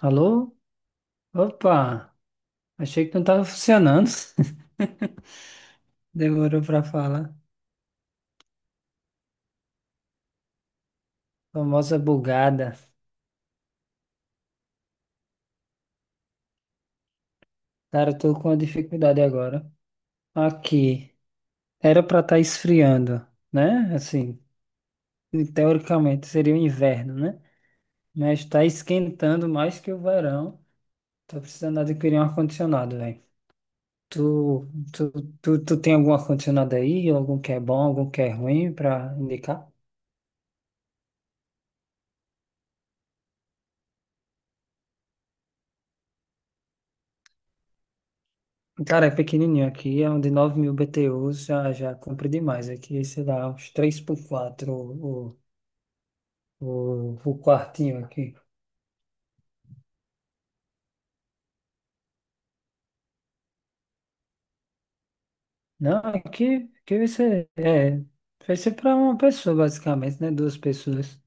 Alô? Opa, achei que não estava funcionando. Demorou para falar. Famosa bugada. Cara, eu tô com uma dificuldade agora. Aqui, era para estar esfriando, né? Assim, teoricamente seria o inverno, né? Mas tá esquentando mais que o verão. Tô precisando adquirir um ar-condicionado, velho. Tu, tu, tu tem algum ar-condicionado aí? Algum que é bom, algum que é ruim para indicar? Cara, é pequenininho aqui, é um de 9.000 BTUs, já cumpre demais aqui, sei lá, uns 3 por 4 o quartinho aqui. Não, aqui vai ser para uma pessoa basicamente, né, duas pessoas.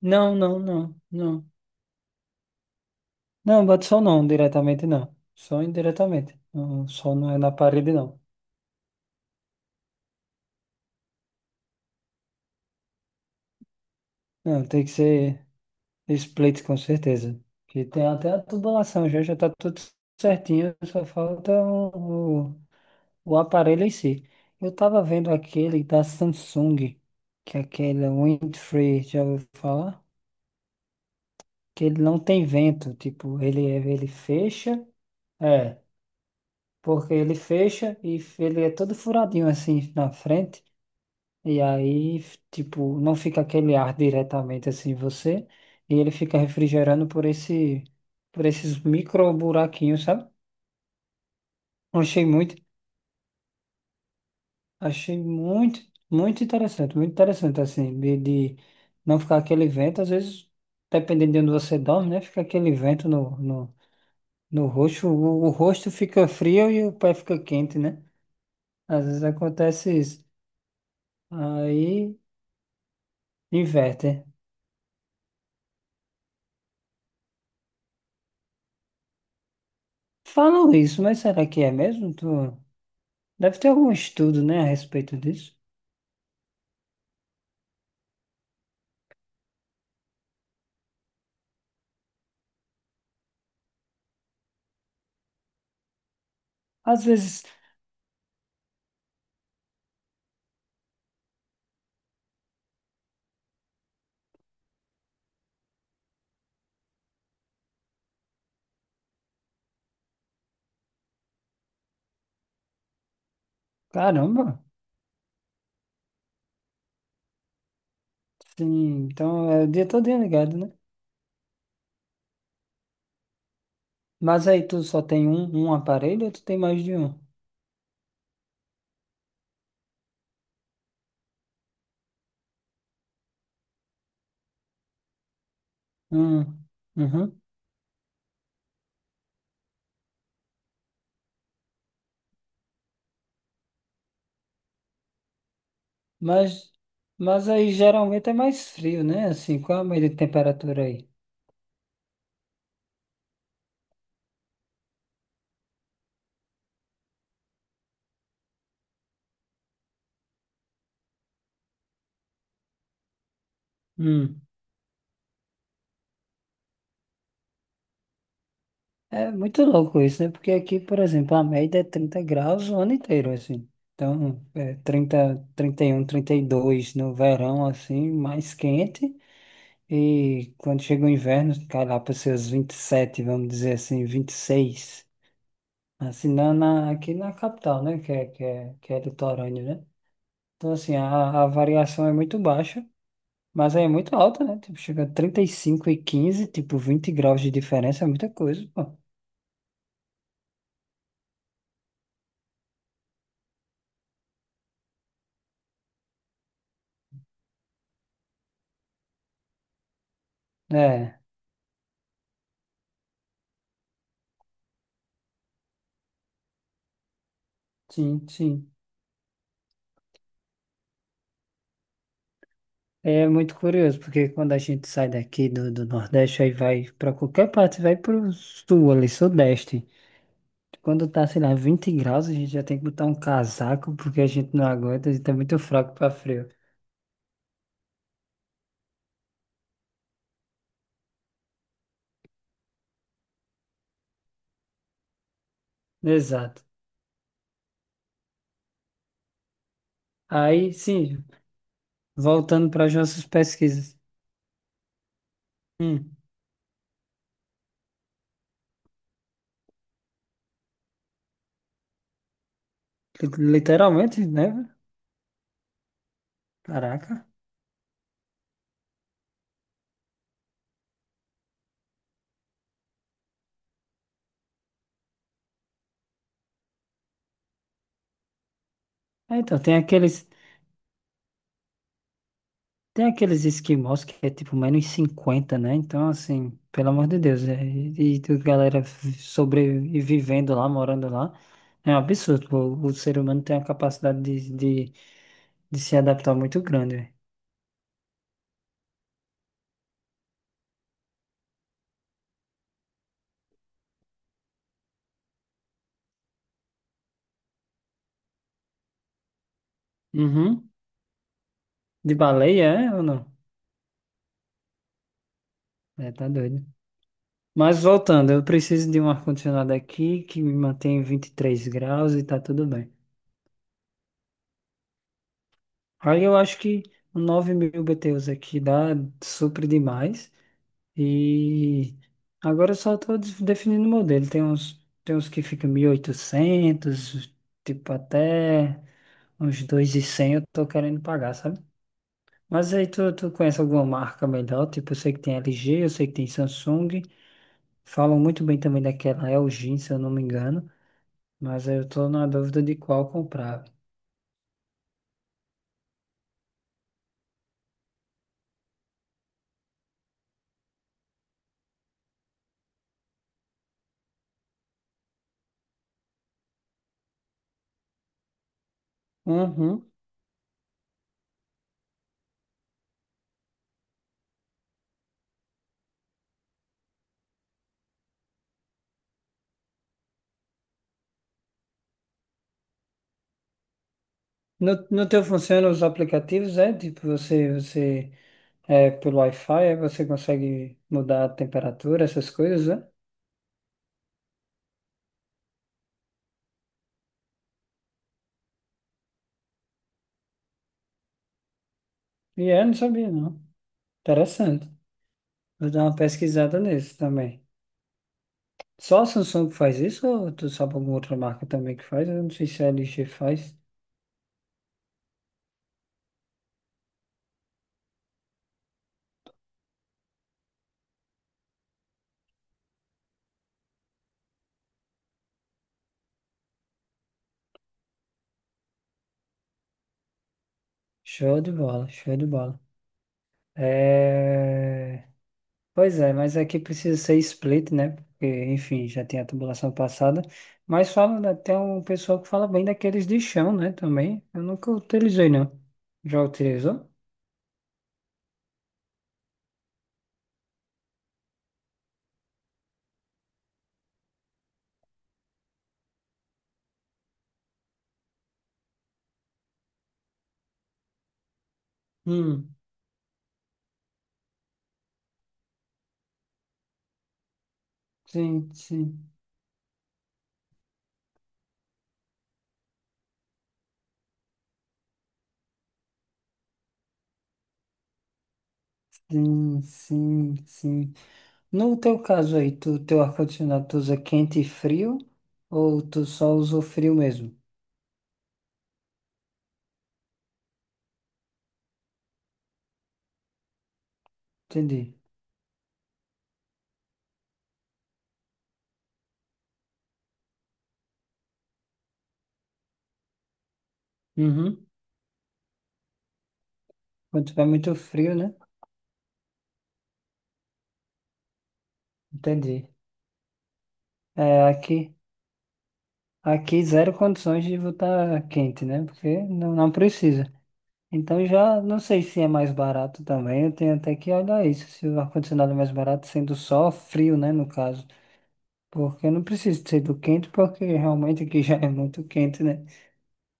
Não, não, não, não. Não, bate sol não, diretamente não, só indiretamente, não, só não é na parede não. Não, tem que ser split com certeza, que tem até a tubulação, já tá tudo certinho, só falta o aparelho em si. Eu tava vendo aquele da Samsung, que é aquele Windfree, já ouviu falar? Que ele não tem vento, tipo, ele fecha, é, porque ele fecha e ele é todo furadinho assim na frente, e aí, tipo, não fica aquele ar diretamente assim em você, e ele fica refrigerando por esses micro buraquinhos, sabe? Eu achei muito. Achei muito, muito interessante, assim, de não ficar aquele vento, às vezes, dependendo de onde você dorme, né? Fica aquele vento no rosto, o rosto fica frio e o pé fica quente, né? Às vezes acontece isso. Aí inverte. Falam isso, mas será que é mesmo? Tu... Deve ter algum estudo, né, a respeito disso. Às vezes, caramba, sim, então é o dia todo ligado, né? Mas aí tu só tem um aparelho ou tu tem mais de um? Hum, uhum. Mas, mas aí geralmente é mais frio, né? Assim, qual a média de temperatura aí? Hum. É muito louco isso, né? Porque aqui, por exemplo, a média é 30 graus o ano inteiro, assim. Então, é 30, 31, 32 no verão, assim, mais quente. E quando chega o inverno, cai lá para os seus 27, vamos dizer assim, 26. Assim, aqui na capital, né? Que é litorâneo, né? Então, assim, a variação é muito baixa. Mas aí é muito alta, né? Tipo, chega a 35 e 15, tipo, 20 graus de diferença é muita coisa, pô. É, sim, sim. É muito curioso, porque quando a gente sai daqui do Nordeste, aí vai pra qualquer parte, vai pro sul ali, Sudeste. Quando tá, sei lá, 20 graus, a gente já tem que botar um casaco, porque a gente não aguenta, a gente tá muito fraco pra frio. Exato. Aí, sim, voltando para as nossas pesquisas. Hum, literalmente, né? Caraca. Ah, então, tem aqueles. Tem aqueles esquimós que é tipo -50, né? Então, assim, pelo amor de Deus, e a galera sobrevivendo lá, morando lá, é um absurdo. O ser humano tem uma capacidade de, de se adaptar muito grande, velho. Uhum. De baleia, é ou não? É, tá doido. Mas voltando, eu preciso de um ar-condicionado aqui que me mantém em 23 graus e tá tudo bem. Aí eu acho que um 9.000 BTUs aqui dá super demais. E agora eu só estou definindo o modelo. Tem uns que ficam 1.800 tipo até uns 2.100 eu tô querendo pagar, sabe? Mas aí tu conhece alguma marca melhor? Tipo, eu sei que tem LG, eu sei que tem Samsung. Falam muito bem também daquela LG, se eu não me engano. Mas aí eu tô na dúvida de qual comprar. Uhum. No teu funciona os aplicativos, é? Tipo, você pelo Wi-Fi, aí você consegue mudar a temperatura, essas coisas, é? E é, não sabia, não. Interessante. Vou dar uma pesquisada nesse também. Só a Samsung que faz isso ou tu sabe alguma outra marca também que faz? Eu não sei se a LG faz. Show de bola, show de bola. É... Pois é, mas aqui precisa ser split, né? Porque, enfim, já tem a tubulação passada. Mas fala, né, tem um pessoal que fala bem daqueles de chão, né? Também. Eu nunca utilizei, não. Já utilizou? Hum, sim, sim, sim, sim, sim. No teu caso aí, tu, teu ar-condicionado tu usa quente e frio ou tu só usa o frio mesmo? Entendi. Uhum. Quando tiver muito frio, né? Entendi. É, aqui zero condições de botar quente, né? Porque não, não precisa. Então já não sei se é mais barato também. Eu tenho até que olhar isso, se o ar-condicionado é mais barato, sendo só frio, né? No caso. Porque eu não preciso ser do quente, porque realmente aqui já é muito quente, né?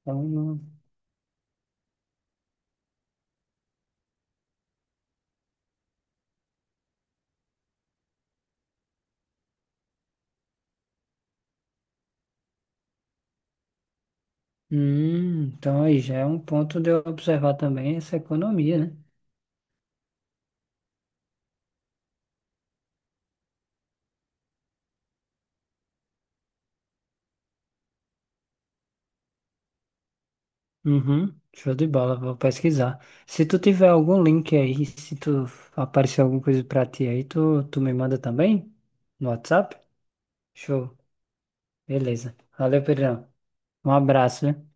Então, não. Então aí já é um ponto de eu observar também essa economia, né? Uhum, show de bola, vou pesquisar. Se tu tiver algum link aí, se tu aparecer alguma coisa pra ti aí, tu me manda também no WhatsApp? Show, beleza. Valeu, Pedrão. Um abraço, viu?